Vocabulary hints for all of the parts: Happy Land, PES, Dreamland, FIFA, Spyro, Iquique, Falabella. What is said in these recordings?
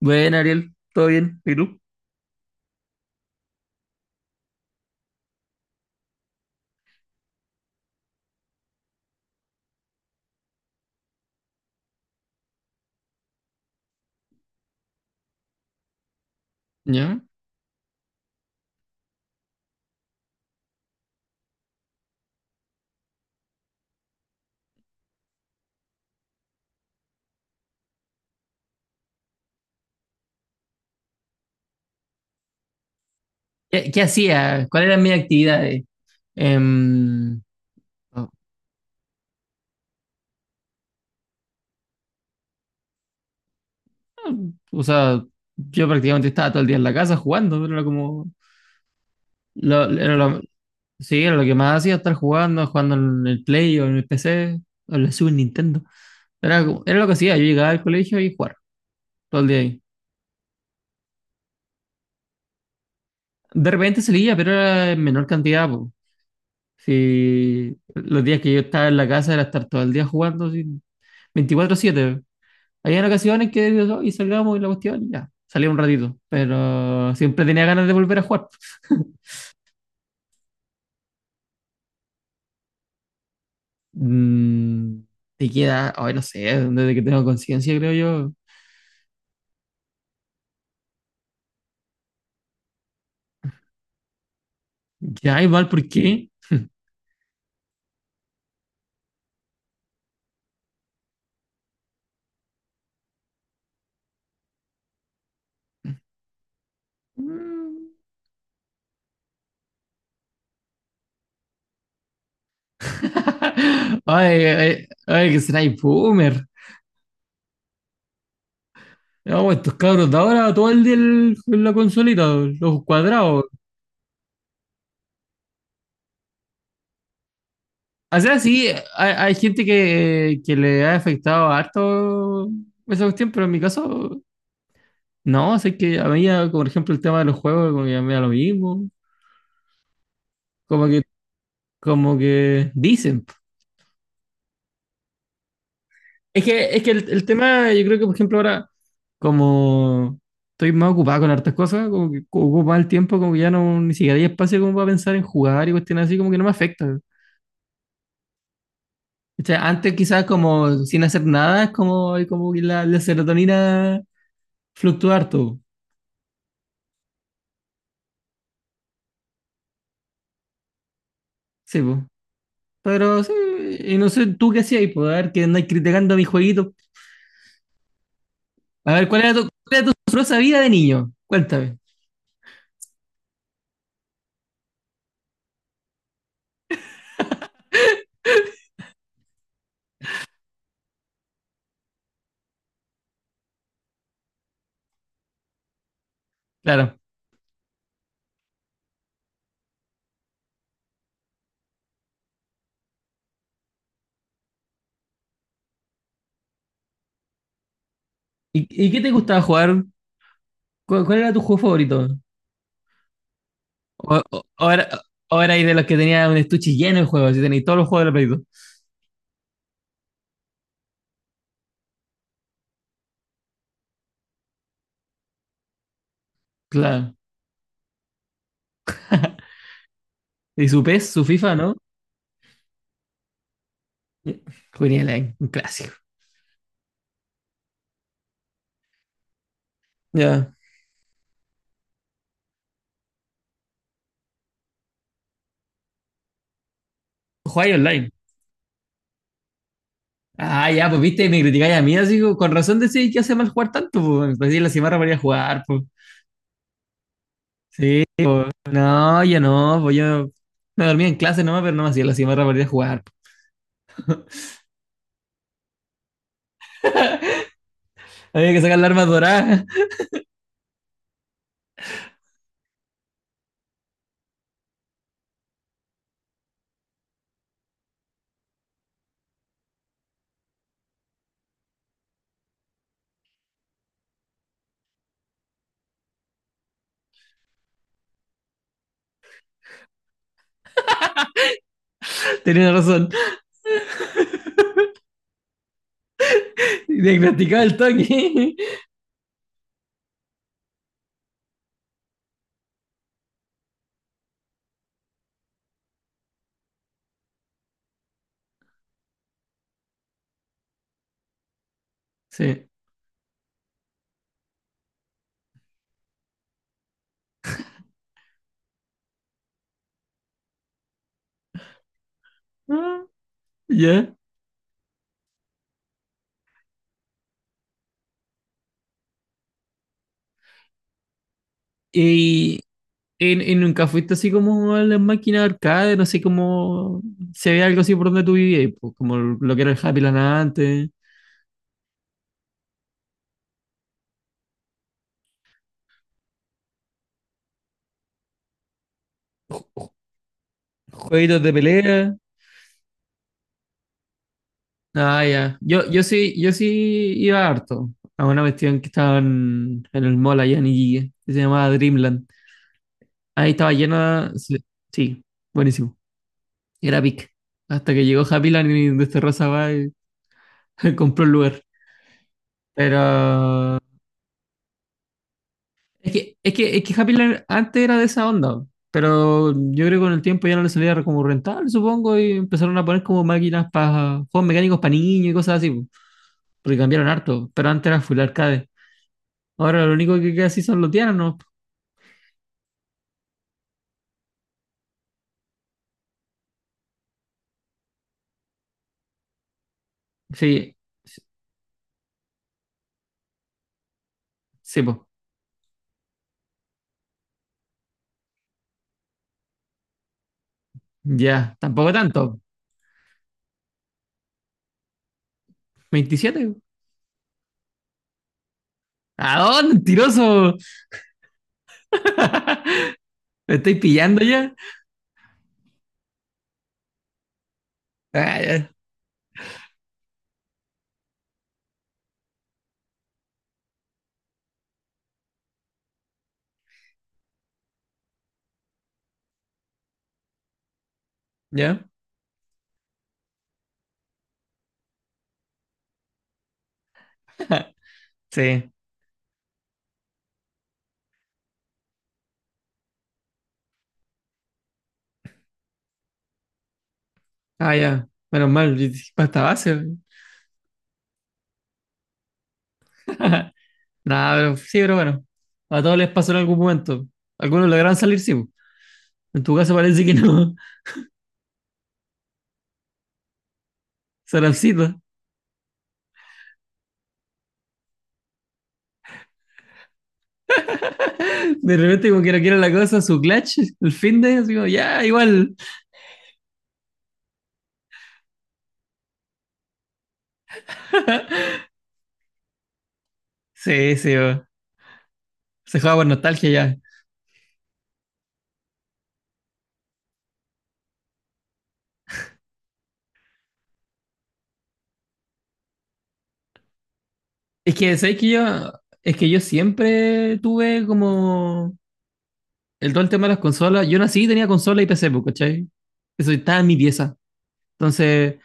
Bueno, Ariel, ¿todo bien? ¿Y tú? ¿Ya? ¿Qué hacía? ¿Cuáles eran mis actividades? Em, Oh. O sea, yo prácticamente estaba todo el día en la casa jugando, pero era como. Lo, era lo- sí, era lo que más hacía, estar jugando, jugando en el Play o en el PC, o en la Super Nintendo. Era lo que hacía, yo llegaba al colegio y jugar todo el día ahí. De repente salía, pero era en menor cantidad, po. Sí, los días que yo estaba en la casa era estar todo el día jugando, así, 24/7. Había ocasiones que y salgamos y la cuestión, y ya, salía un ratito, pero siempre tenía ganas de volver a jugar. Mm, Te queda, ay, no sé, desde que tengo conciencia, creo yo. Ya, igual, ¿por qué? Mm. Ay, ay, ay, que será boomer. No, estos cabros de ahora, todo el día en la consolita, los cuadrados. O sea, sí, hay gente que le ha afectado harto esa cuestión, pero en mi caso. No, sé que a mí, ya, por ejemplo, el tema de los juegos, como que a mí me da lo mismo. Como que, como que dicen. Es que el tema, yo creo que, por ejemplo, ahora, como estoy más ocupado con hartas cosas, como que ocupo más el tiempo, como que ya no, ni siquiera hay espacio como para pensar en jugar y cuestiones así, como que no me afecta. O sea, antes quizás como sin hacer nada, es como, hay como que la serotonina fluctúa harto. Sí, pues. Pero sí, y no sé, ¿tú qué hacías ahí? Pues, a ver, que andáis criticando a mis jueguitos. A ver, ¿cuál era tu sabrosa vida de niño? Cuéntame. Claro. ¿Y qué te gustaba jugar? ¿Cuál era tu juego favorito? O, o- o era, o era ahí de los que tenía un estuche lleno de juegos, y tenéis todos los juegos de la Play dos. Claro. ¿Y su PES, su FIFA, no? Jugaría online, un clásico. Ya. Jugáis online. Ah, ya, pues viste, me criticáis a mí, así como, con razón decís que hace mal jugar tanto, pues. Así en la semana para ir a jugar, pues. Sí, pues. No, yo no, pues yo me dormía en clase nomás, pero no me hacía la cimarra para ir a jugar. Había que sacar la arma dorada. Tenía razón. Diagnosticaba el toque. Sí. Ah, ya. Y, y nunca fuiste así como a las máquinas de arcade, no sé cómo se ve algo así por donde tú vivías, pues, como lo que era el Happy Land antes, jueguitos de pelea. Ah, ya. Yo sí, yo sí iba harto a una cuestión que estaba en el mall allá en Iquique, que se llamaba Dreamland. Ahí estaba llena. Sí, sí, buenísimo. Era pic. Hasta que llegó Happy Land y desterró esa weá y compró el lugar. Pero es que Happy Land antes era de esa onda, pero yo creo que con el tiempo ya no le salía como rentable, supongo, y empezaron a poner como máquinas para juegos mecánicos para niños y cosas así, po, porque cambiaron harto, pero antes era full arcade. Ahora lo único que queda así son los tianos, ¿no? Sí, sí, pues, ya, tampoco tanto, 27 po. ¿A dónde, mentiroso? ¿Me estoy pillando ya? Ah, ya, ya, sí, ah, ya, menos mal, basta base. Nada, pero sí, pero bueno. A todos les pasó en algún momento. Algunos lograron salir, sí, po. En tu caso parece que no. Sarapcito. De repente, como que no quiere la cosa, su clutch, el fin de, así como, ya, igual. Sí, sí, po. Se juega por nostalgia ya. Es que, ¿sabes que yo? Es que yo siempre tuve como el todo el tema de las consolas. Yo nací y tenía consola y PC, po, ¿cachai? Eso estaba en mi pieza. Entonces,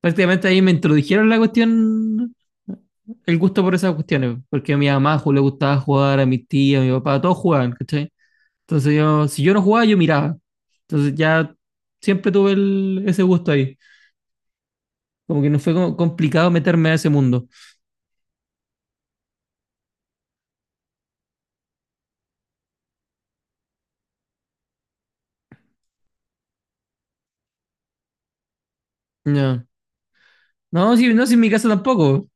prácticamente ahí me introdujeron la cuestión, el gusto por esas cuestiones, porque a mi mamá le gustaba jugar, a mi tía, a mi papá, todos jugaban, ¿cachai? Entonces yo, si yo no jugaba, yo miraba. Entonces ya siempre tuve ese gusto ahí. Como que no fue como complicado meterme a ese mundo. No, no, si, no, si en mi casa tampoco.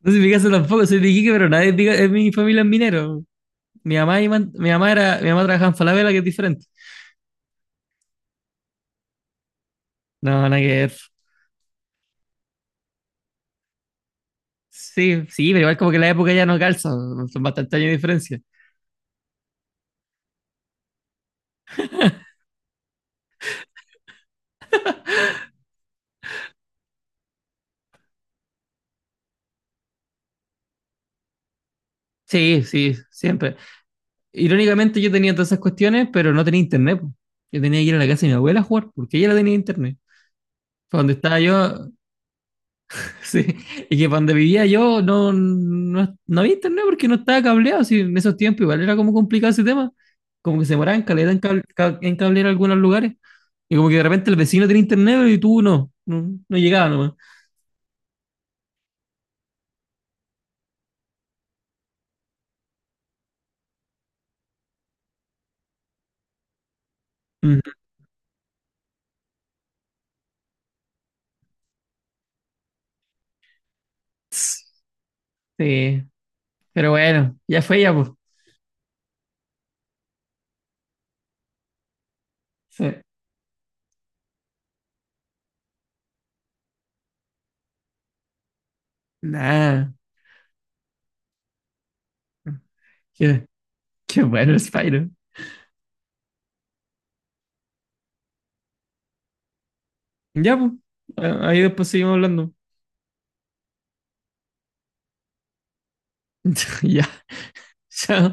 No, si en mi casa tampoco, soy de Iquique, pero nadie es es mi familia es minero. Mi mamá, y man- mi mamá era, Mi mamá trabajaba en Falabella, que es diferente. No, nada que ver. Sí, sí, pero igual como que la época ya no calza, son bastantes años de diferencia. Sí, sí, siempre. Irónicamente yo tenía todas esas cuestiones, pero no tenía internet, po. Yo tenía que ir a la casa de mi abuela a jugar, porque ella la tenía internet. Para donde estaba yo, sí, y que para donde vivía yo no, no, no había internet porque no estaba cableado, sí, en esos tiempos igual era como complicado ese tema. Como que se moraban caleta en cablear algunos lugares. Y como que de repente el vecino tenía internet y tú no, no, no llegaba nomás. Mm. Sí, pero bueno, ya fue ya, pues. Sí. Nah, qué, qué bueno Spyro. Ya, pues. Ahí después seguimos hablando. Ya, chao.